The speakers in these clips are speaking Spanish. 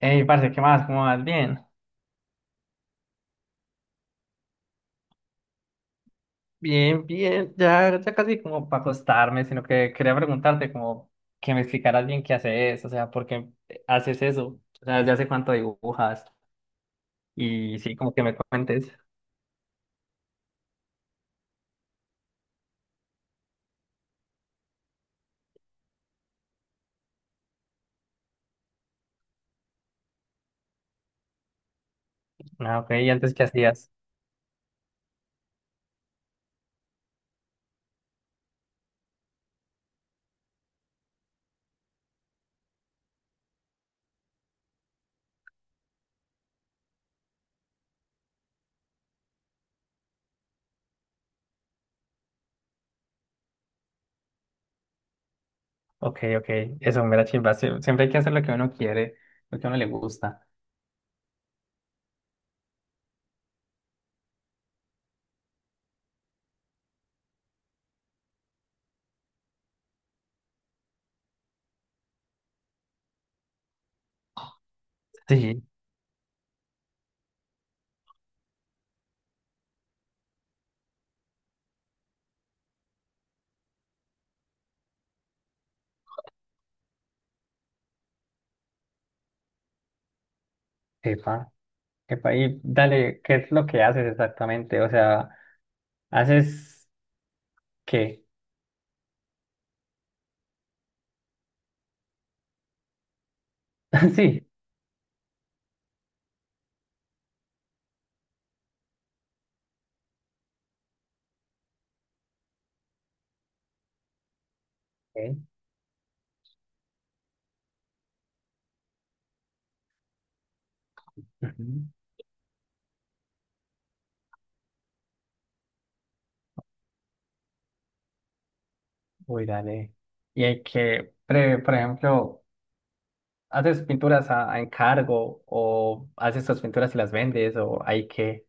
Hey, parce, ¿qué más? ¿Cómo vas? Bien, bien, bien, ya, ya casi como para acostarme, sino que quería preguntarte como que me explicaras bien qué haces, o sea, por qué haces eso, o sea, desde hace cuánto dibujas y sí, como que me cuentes. Ah, ok, ¿y antes qué hacías? Ok, ok, eso me da chimba. Siempre hay que hacer lo que uno quiere, lo que a uno le gusta, sí. Epa, epa, y dale, ¿qué es lo que haces exactamente? O sea, ¿haces qué? Sí, ok. Ujú. Uy, dale. Y hay por ejemplo, ¿haces pinturas a encargo o haces tus pinturas y las vendes o hay que...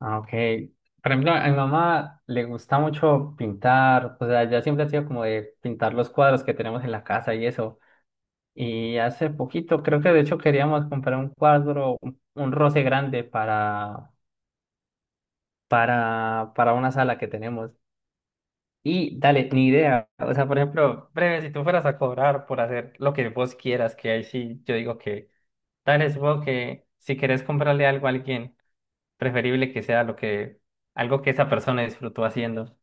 Ah, ok. Por ejemplo, a mi mamá le gusta mucho pintar, o sea, ya siempre ha sido como de pintar los cuadros que tenemos en la casa y eso. Y hace poquito, creo que de hecho queríamos comprar un cuadro, un roce grande para una sala que tenemos. Y dale, ni idea. O sea, por ejemplo, breve, si tú fueras a cobrar por hacer lo que vos quieras, que ahí sí yo digo que, dale, supongo que si querés comprarle algo a alguien, preferible que sea lo que, algo que esa persona disfrutó haciendo.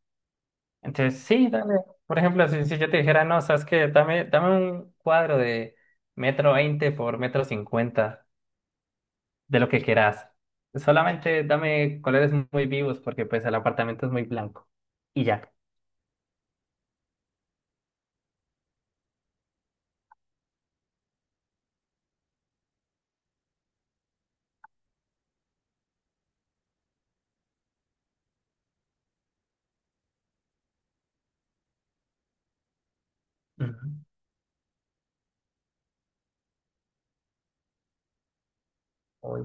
Entonces, sí, dale. Por ejemplo, si yo te dijera, no, sabes que dame, dame un cuadro de 1,20 m por 1,50 m, de lo que querás. Solamente dame colores muy vivos, porque pues el apartamento es muy blanco. Y ya. Ujú. Uy.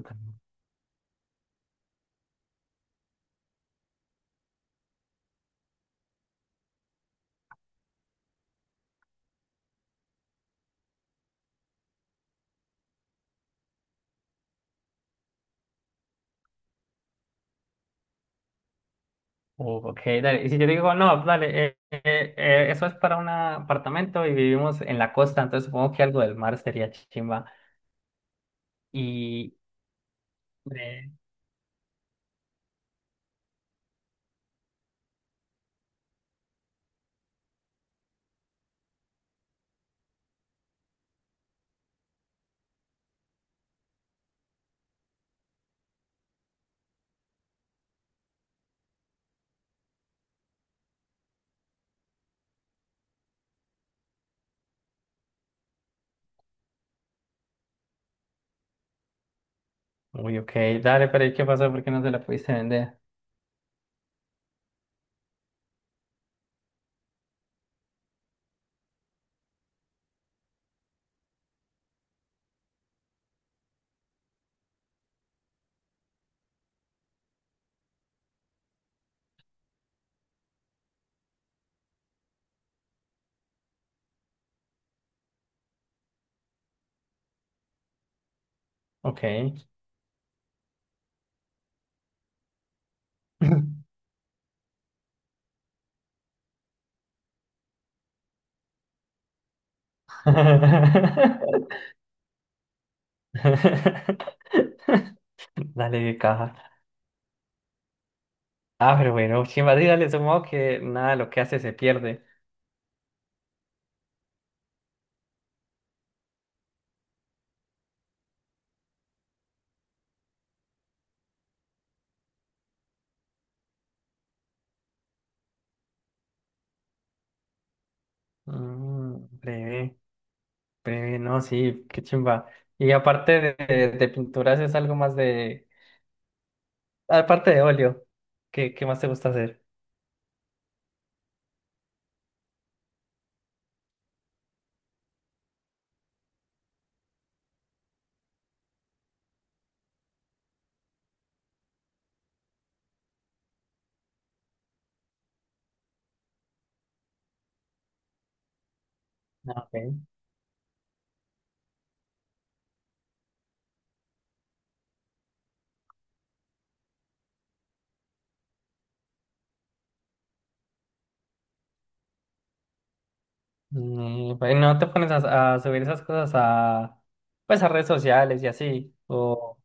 Ok, dale. Y si yo digo, no, dale, eso es para un apartamento y vivimos en la costa, entonces supongo que algo del mar sería chimba. Y, eh, uy, ok, dale, pero ¿y qué pasó? ¿Por qué no se la pudiste vender? Ok. Dale, de caja. Ah, pero bueno, chimba, sí, dale, supongo que nada, de lo que hace se pierde. Mm, breve, breve, no, sí, qué chimba. Y aparte de pinturas, es algo más de. Aparte de óleo, ¿qué, qué más te gusta hacer? Ah, ok. Mm, pues, ¿no te pones a subir esas cosas a, pues, a redes sociales y así? O...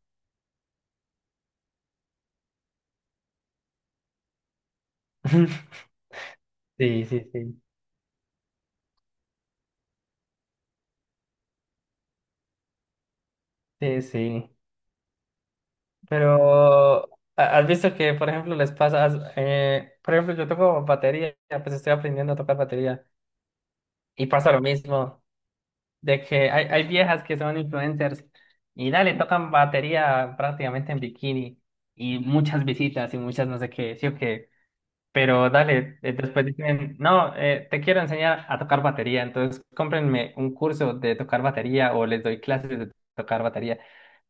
Sí, sí, sí, sí, sí. Pero has visto que, por ejemplo, les pasa, por ejemplo, yo toco batería, pues estoy aprendiendo a tocar batería y pasa lo mismo, de que hay viejas que son influencers y dale, tocan batería prácticamente en bikini y muchas visitas y muchas no sé qué, sí o qué. Pero dale, después dicen, no, te quiero enseñar a tocar batería, entonces cómprenme un curso de tocar batería o les doy clases de tocar batería.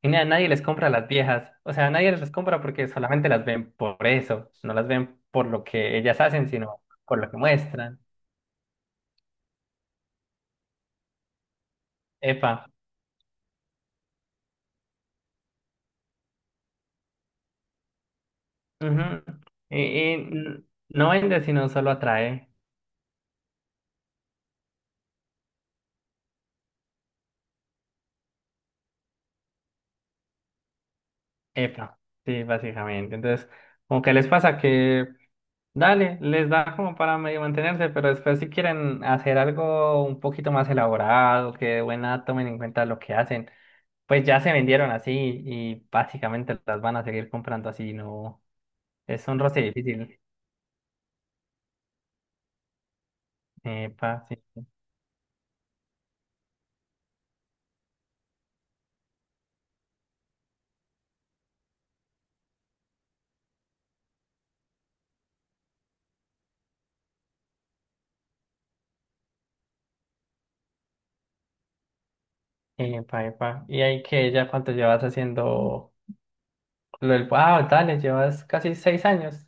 Y nada, nadie les compra a las viejas, o sea, nadie les compra porque solamente las ven por eso, no las ven por lo que ellas hacen, sino por lo que muestran. Epa. Ujú. Y, no vende, sino solo atrae. Epa, sí, básicamente. Entonces, como que les pasa que dale, les da como para medio mantenerse, pero después si quieren hacer algo un poquito más elaborado, que de buena tomen en cuenta lo que hacen, pues ya se vendieron así y básicamente las van a seguir comprando así, no, es un roce difícil. Epa, sí, epa, epa. Y ahí que ya cuánto llevas haciendo lo del, wow, dale, llevas casi 6 años.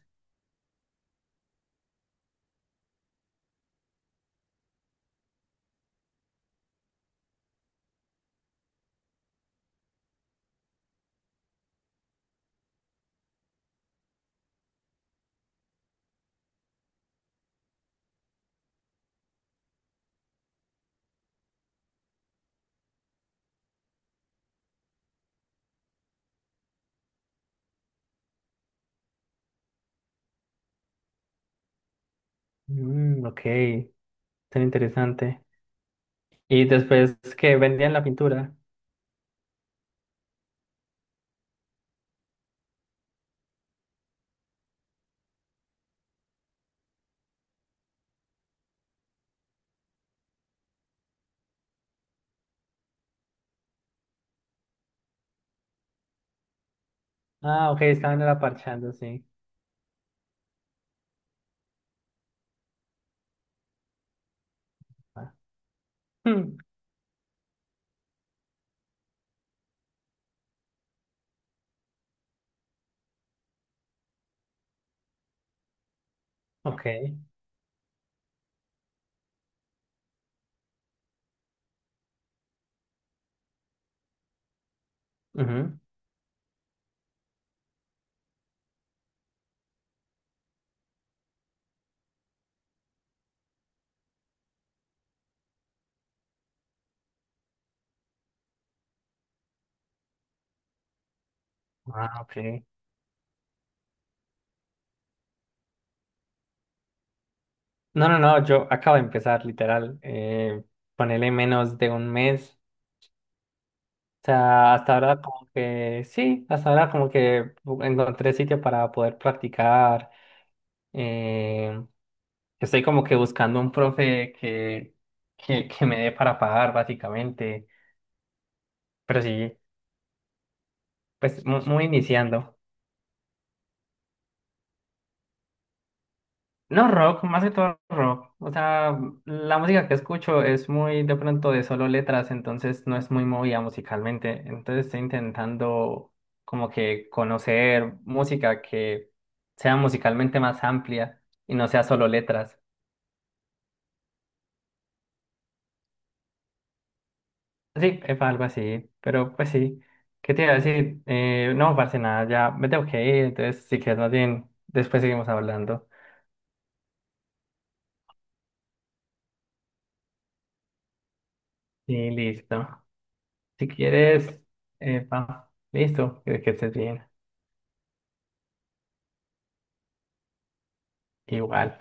Mm, ok, tan interesante. Y después que vendían la pintura. Ah, ok, estaban era parchando, sí. Ah, hmm, ok. Ujú. Ah, ok. No, no, no, yo acabo de empezar, literal. Ponele menos de 1 mes. O sea, hasta ahora como que, sí, hasta ahora como que encontré sitio para poder practicar. Eh, estoy como que buscando un profe que me dé para pagar, básicamente. Pero sí, pues muy iniciando. No rock, más que todo rock. O sea, la música que escucho es muy de pronto de solo letras, entonces no es muy movida musicalmente. Entonces estoy intentando como que conocer música que sea musicalmente más amplia y no sea solo letras. Sí, es algo así, pero pues sí. ¿Qué te iba a decir? No, parce, nada, ya me tengo que ir, entonces si quieres más bien, después seguimos hablando. Sí, listo. Si quieres, epa, listo, que estés bien. Igual.